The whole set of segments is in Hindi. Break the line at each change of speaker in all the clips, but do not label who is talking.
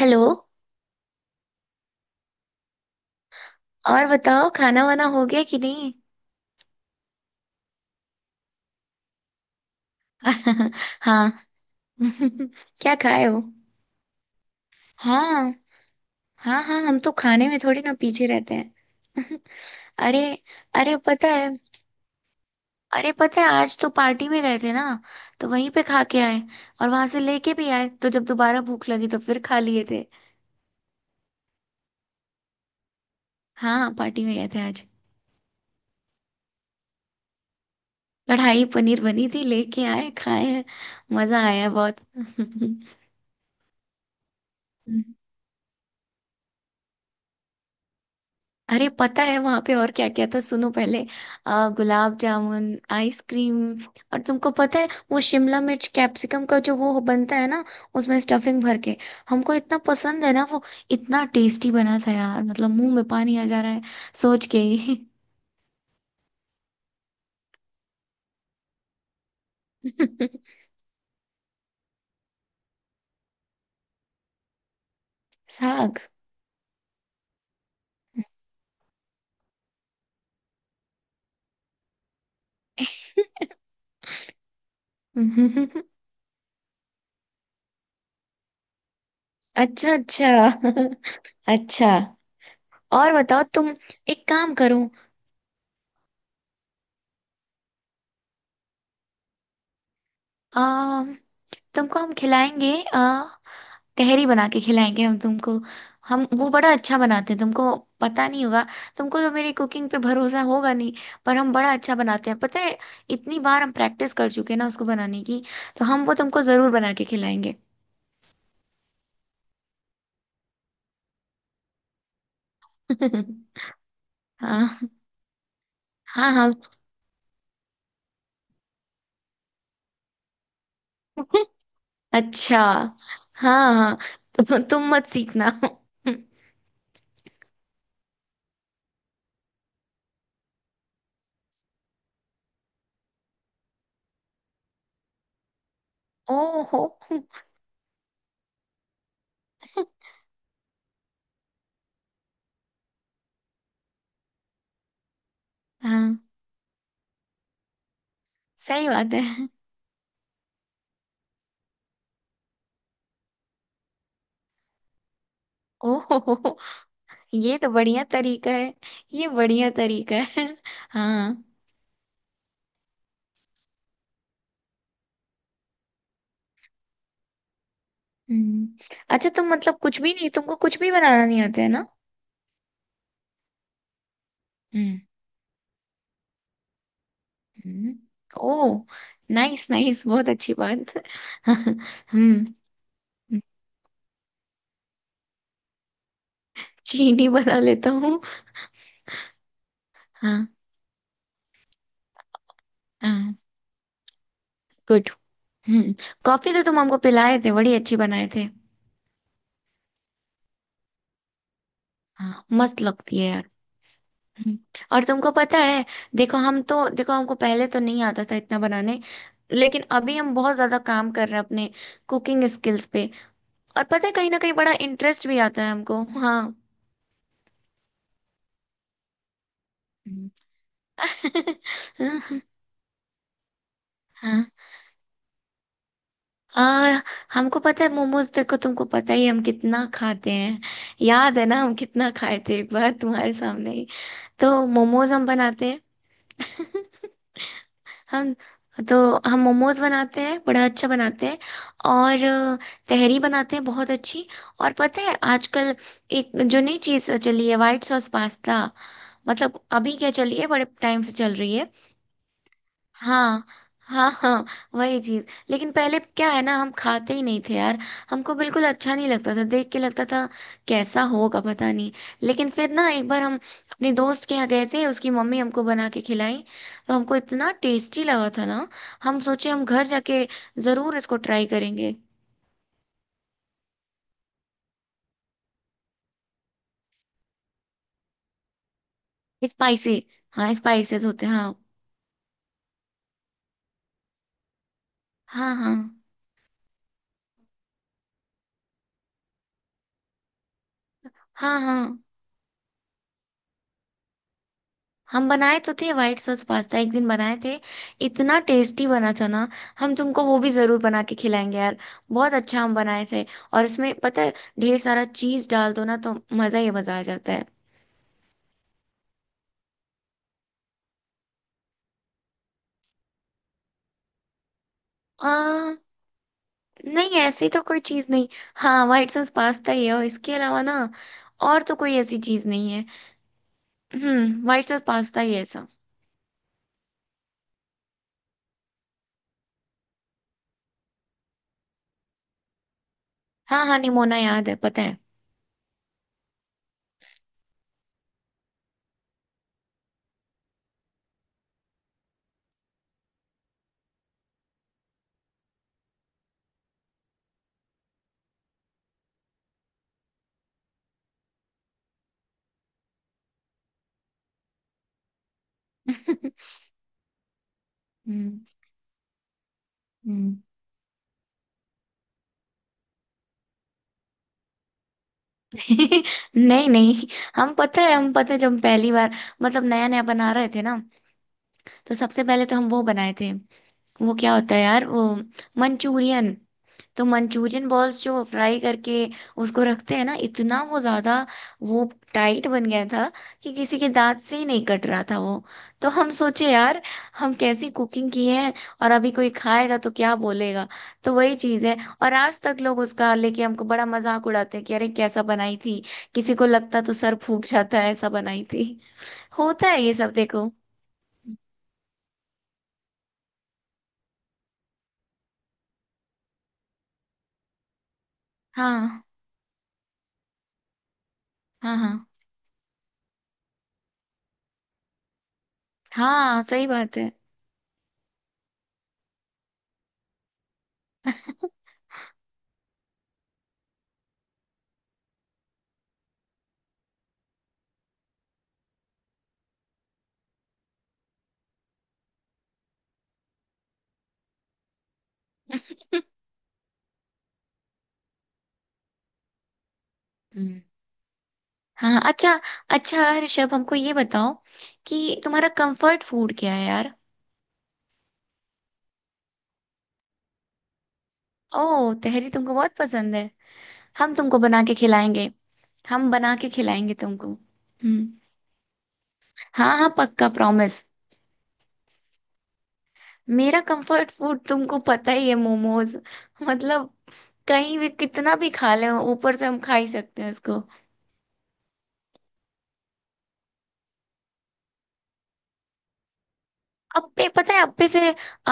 हेलो। और बताओ खाना वाना हो गया कि नहीं। हाँ। क्या खाए हो? हाँ हाँ हाँ, हम तो खाने में थोड़ी ना पीछे रहते हैं। अरे, अरे पता है, अरे पता है आज तो पार्टी में गए थे ना, तो वहीं पे खा के आए और वहां से लेके भी आए, तो जब दोबारा भूख लगी तो फिर खा लिए थे। हाँ पार्टी में गए थे आज। कढ़ाई पनीर बनी थी, लेके आए खाए, मजा आया बहुत। अरे पता है वहां पे और क्या क्या था, सुनो पहले। गुलाब जामुन, आइसक्रीम। और तुमको पता है वो शिमला मिर्च कैप्सिकम का जो वो बनता है ना, उसमें स्टफिंग भर के, हमको इतना पसंद है ना वो। इतना टेस्टी बना था यार, मतलब मुंह में पानी आ जा रहा है सोच के ही। साग। अच्छा अच्छा। अच्छा, और बताओ तुम। एक काम करो। आ, तुमको हम खिलाएंगे, तहरी बना के खिलाएंगे हम तुमको। हम वो बड़ा अच्छा बनाते हैं, तुमको पता नहीं होगा। तुमको तो मेरी कुकिंग पे भरोसा होगा नहीं, पर हम बड़ा अच्छा बनाते हैं पता है। इतनी बार हम प्रैक्टिस कर चुके हैं ना उसको बनाने की, तो हम वो तुमको जरूर बना के खिलाएंगे। हाँ हाँ। हाँ। अच्छा। हाँ हाँ, तुम मत सीखना। ओहो। हाँ सही बात है। ओहो, ये तो बढ़िया तरीका है, ये बढ़िया तरीका है। हाँ। हम्म। अच्छा, तुम मतलब कुछ भी नहीं, तुमको कुछ भी बनाना नहीं आता है ना? हम्म हम्म। ओ, नाइस नाइस, बहुत अच्छी बात। हम्म। चीनी बना लेता हूँ? हाँ हाँ। गुड। हम्म। कॉफी तो तुम हमको पिलाए थे, बड़ी अच्छी बनाए थे। हाँ मस्त लगती है यार। हम्म, और तुमको पता है, देखो हम तो, देखो हमको पहले तो नहीं आता था इतना बनाने, लेकिन अभी हम बहुत ज्यादा काम कर रहे हैं अपने कुकिंग स्किल्स पे। और पता है कहीं ना कहीं बड़ा इंटरेस्ट भी आता है हमको, हाँ। हम्म। हाँ। आ, हमको पता है मोमोज, देखो तुमको पता ही है हम कितना खाते हैं। याद है ना हम कितना खाए थे एक बार तुम्हारे सामने ही, तो मोमोज हम बनाते हैं। हम तो हम मोमोज बनाते हैं, बड़ा अच्छा बनाते हैं। और तहरी बनाते हैं बहुत अच्छी। और पता है आजकल एक जो नई चीज़ चली है, वाइट सॉस पास्ता। मतलब अभी क्या चली है, बड़े टाइम से चल रही है। हाँ हाँ हाँ वही चीज। लेकिन पहले क्या है ना, हम खाते ही नहीं थे यार। हमको बिल्कुल अच्छा नहीं लगता था, देख के लगता था कैसा होगा पता नहीं। लेकिन फिर ना एक बार हम अपने दोस्त के यहाँ गए थे, उसकी मम्मी हमको बना के खिलाई, तो हमको इतना टेस्टी लगा था ना। हम सोचे हम घर जाके जरूर इसको ट्राई करेंगे। स्पाइसी, हाँ स्पाइसेस होते हैं हाँ। हाँ हाँ हाँ हाँ, हम बनाए तो थे व्हाइट सॉस पास्ता, एक दिन बनाए थे, इतना टेस्टी बना था ना। हम तुमको वो भी जरूर बना के खिलाएंगे यार, बहुत अच्छा हम बनाए थे। और उसमें पता है ढेर सारा चीज डाल दो ना, तो मजा ही मजा आ जाता है। आ, नहीं, ऐसी तो कोई चीज नहीं। हाँ व्हाइट सॉस पास्ता ही है, और इसके अलावा ना और तो कोई ऐसी चीज नहीं है। व्हाइट सॉस पास्ता ही है ऐसा। हाँ हाँ निमोना याद है, पता है। हम्म हम्म। नहीं नहीं, हम पता है जब पहली बार, मतलब नया नया बना रहे थे ना, तो सबसे पहले तो हम वो बनाए थे। वो क्या होता है यार वो, मंचूरियन। तो मंचूरियन बॉल्स जो फ्राई करके उसको रखते हैं ना, इतना वो ज्यादा, वो टाइट बन गया था कि किसी के दांत से ही नहीं कट रहा था वो। तो हम सोचे यार हम कैसी कुकिंग की है, और अभी कोई खाएगा तो क्या बोलेगा। तो वही चीज है, और आज तक लोग उसका लेके हमको बड़ा मजाक उड़ाते हैं कि अरे कैसा बनाई थी, किसी को लगता तो सर फूट जाता है, ऐसा बनाई थी। होता है ये सब देखो। हाँ हाँ हाँ, हाँ सही बात है। हाँ। अच्छा अच्छा ऋषभ, हमको ये बताओ कि तुम्हारा कंफर्ट फूड क्या है यार। ओह, तहरी तुमको बहुत पसंद है। हम तुमको बना के खिलाएंगे, हम बना के खिलाएंगे तुमको। हम्म। हाँ हाँ पक्का प्रॉमिस। मेरा कंफर्ट फूड तुमको पता ही है, मोमोज। मतलब कहीं भी कितना भी खा ले, ऊपर से हम खा ही सकते हैं उसको। अप्पे, पता है अप्पे से,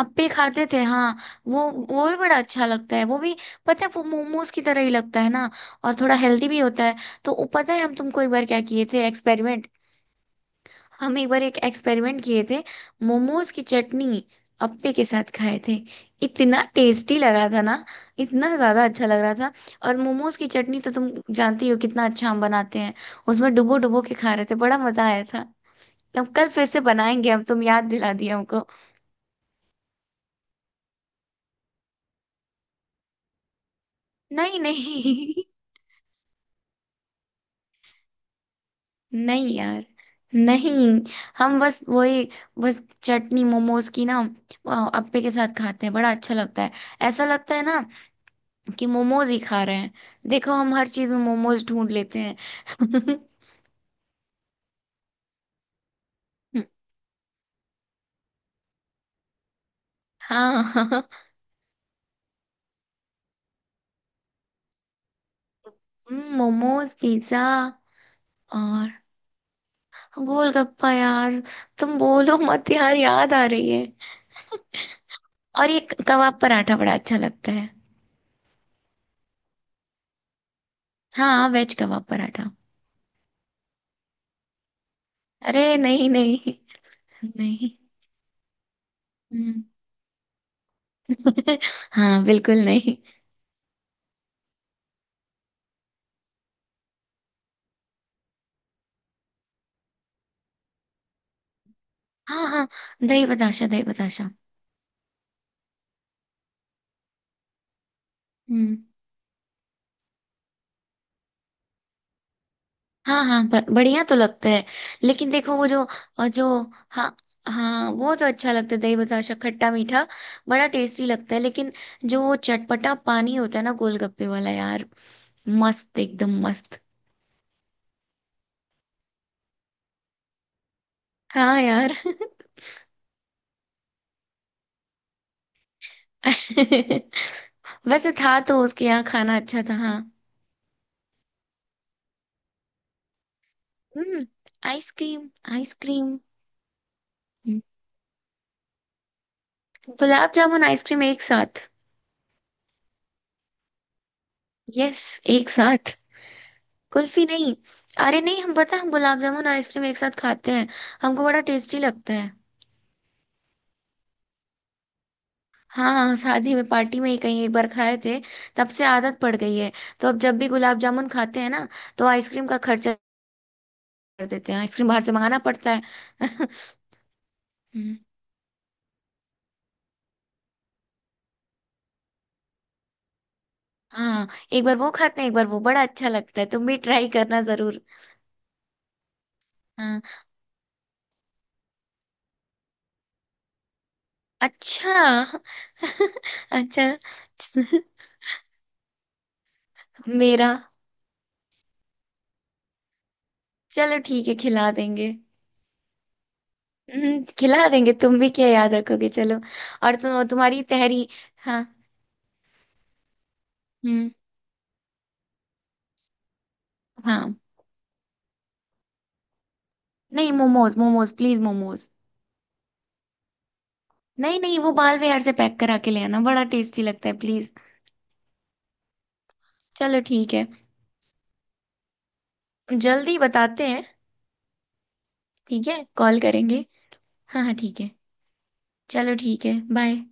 अप्पे खाते थे हाँ। वो भी बड़ा अच्छा लगता है वो भी। पता है वो मोमोज की तरह ही लगता है ना, और थोड़ा हेल्दी भी होता है। तो वो पता है, हम तुमको एक बार क्या किए थे एक्सपेरिमेंट। हम एक बार एक एक्सपेरिमेंट किए थे, मोमोज की चटनी अप्पे के साथ खाए थे। इतना टेस्टी लगा था ना, इतना ज्यादा अच्छा लग रहा था। और मोमोज की चटनी तो तुम जानती हो कितना अच्छा हम बनाते हैं। उसमें डुबो डुबो के खा रहे थे, बड़ा मजा आया था। अब कल फिर से बनाएंगे हम, तुम याद दिला दिया हमको। नहीं नहीं। नहीं यार, नहीं। हम बस वही, बस चटनी मोमोज की ना अप्पे के साथ खाते हैं, बड़ा अच्छा लगता है। ऐसा लगता है ना कि मोमोज ही खा रहे हैं। देखो हम हर चीज में मोमोज ढूंढ लेते हैं। हाँ हाँ। मोमोज, पिज्जा, और गोलगप्पा। यार तुम बोलो मत यार, याद आ रही है। और ये कबाब पराठा बड़ा अच्छा लगता है। हाँ वेज कबाब पराठा। अरे नहीं नहीं। नहीं। हम्म। हाँ बिल्कुल नहीं। हाँ हाँ, दही बताशा दही बताशा। हम्म। हाँ हाँ, बढ़िया तो लगता है। लेकिन देखो वो जो, और जो, हाँ हाँ वो तो अच्छा लगता है, दही बताशा खट्टा मीठा बड़ा टेस्टी लगता है। लेकिन जो वो चटपटा पानी होता है ना गोलगप्पे वाला यार, मस्त एकदम मस्त। हाँ यार। वैसे था तो उसके यहाँ खाना अच्छा था हाँ। हम्म। Ice cream, ice cream. हम्म, गुलाब जामुन आइसक्रीम एक साथ। यस, एक साथ। कुल्फी नहीं। अरे नहीं, हम पता है, हम गुलाब जामुन आइसक्रीम एक साथ खाते हैं, हमको बड़ा टेस्टी लगता है। हाँ हाँ, शादी में पार्टी में ही कहीं एक बार खाए थे, तब से आदत पड़ गई है। तो अब जब भी गुलाब जामुन खाते हैं ना, तो आइसक्रीम का खर्चा कर देते हैं, आइसक्रीम बाहर से मंगाना पड़ता है। हम्म, हाँ एक बार वो खाते हैं एक बार वो, बड़ा अच्छा लगता है, तुम भी ट्राई करना जरूर। हाँ। अच्छा। अच्छा। मेरा। चलो ठीक है, खिला देंगे। खिला देंगे, तुम भी क्या याद रखोगे, चलो। और तुम, तुम्हारी तहरी। हाँ। हम्म। हाँ, नहीं मोमोज, मोमोज प्लीज, मोमोज। नहीं नहीं, वो बाल विहार से पैक करा के ले आना, बड़ा टेस्टी लगता है, प्लीज। चलो ठीक है। जल्दी बताते हैं। ठीक है कॉल करेंगे। हाँ हाँ ठीक है। चलो ठीक है, बाय।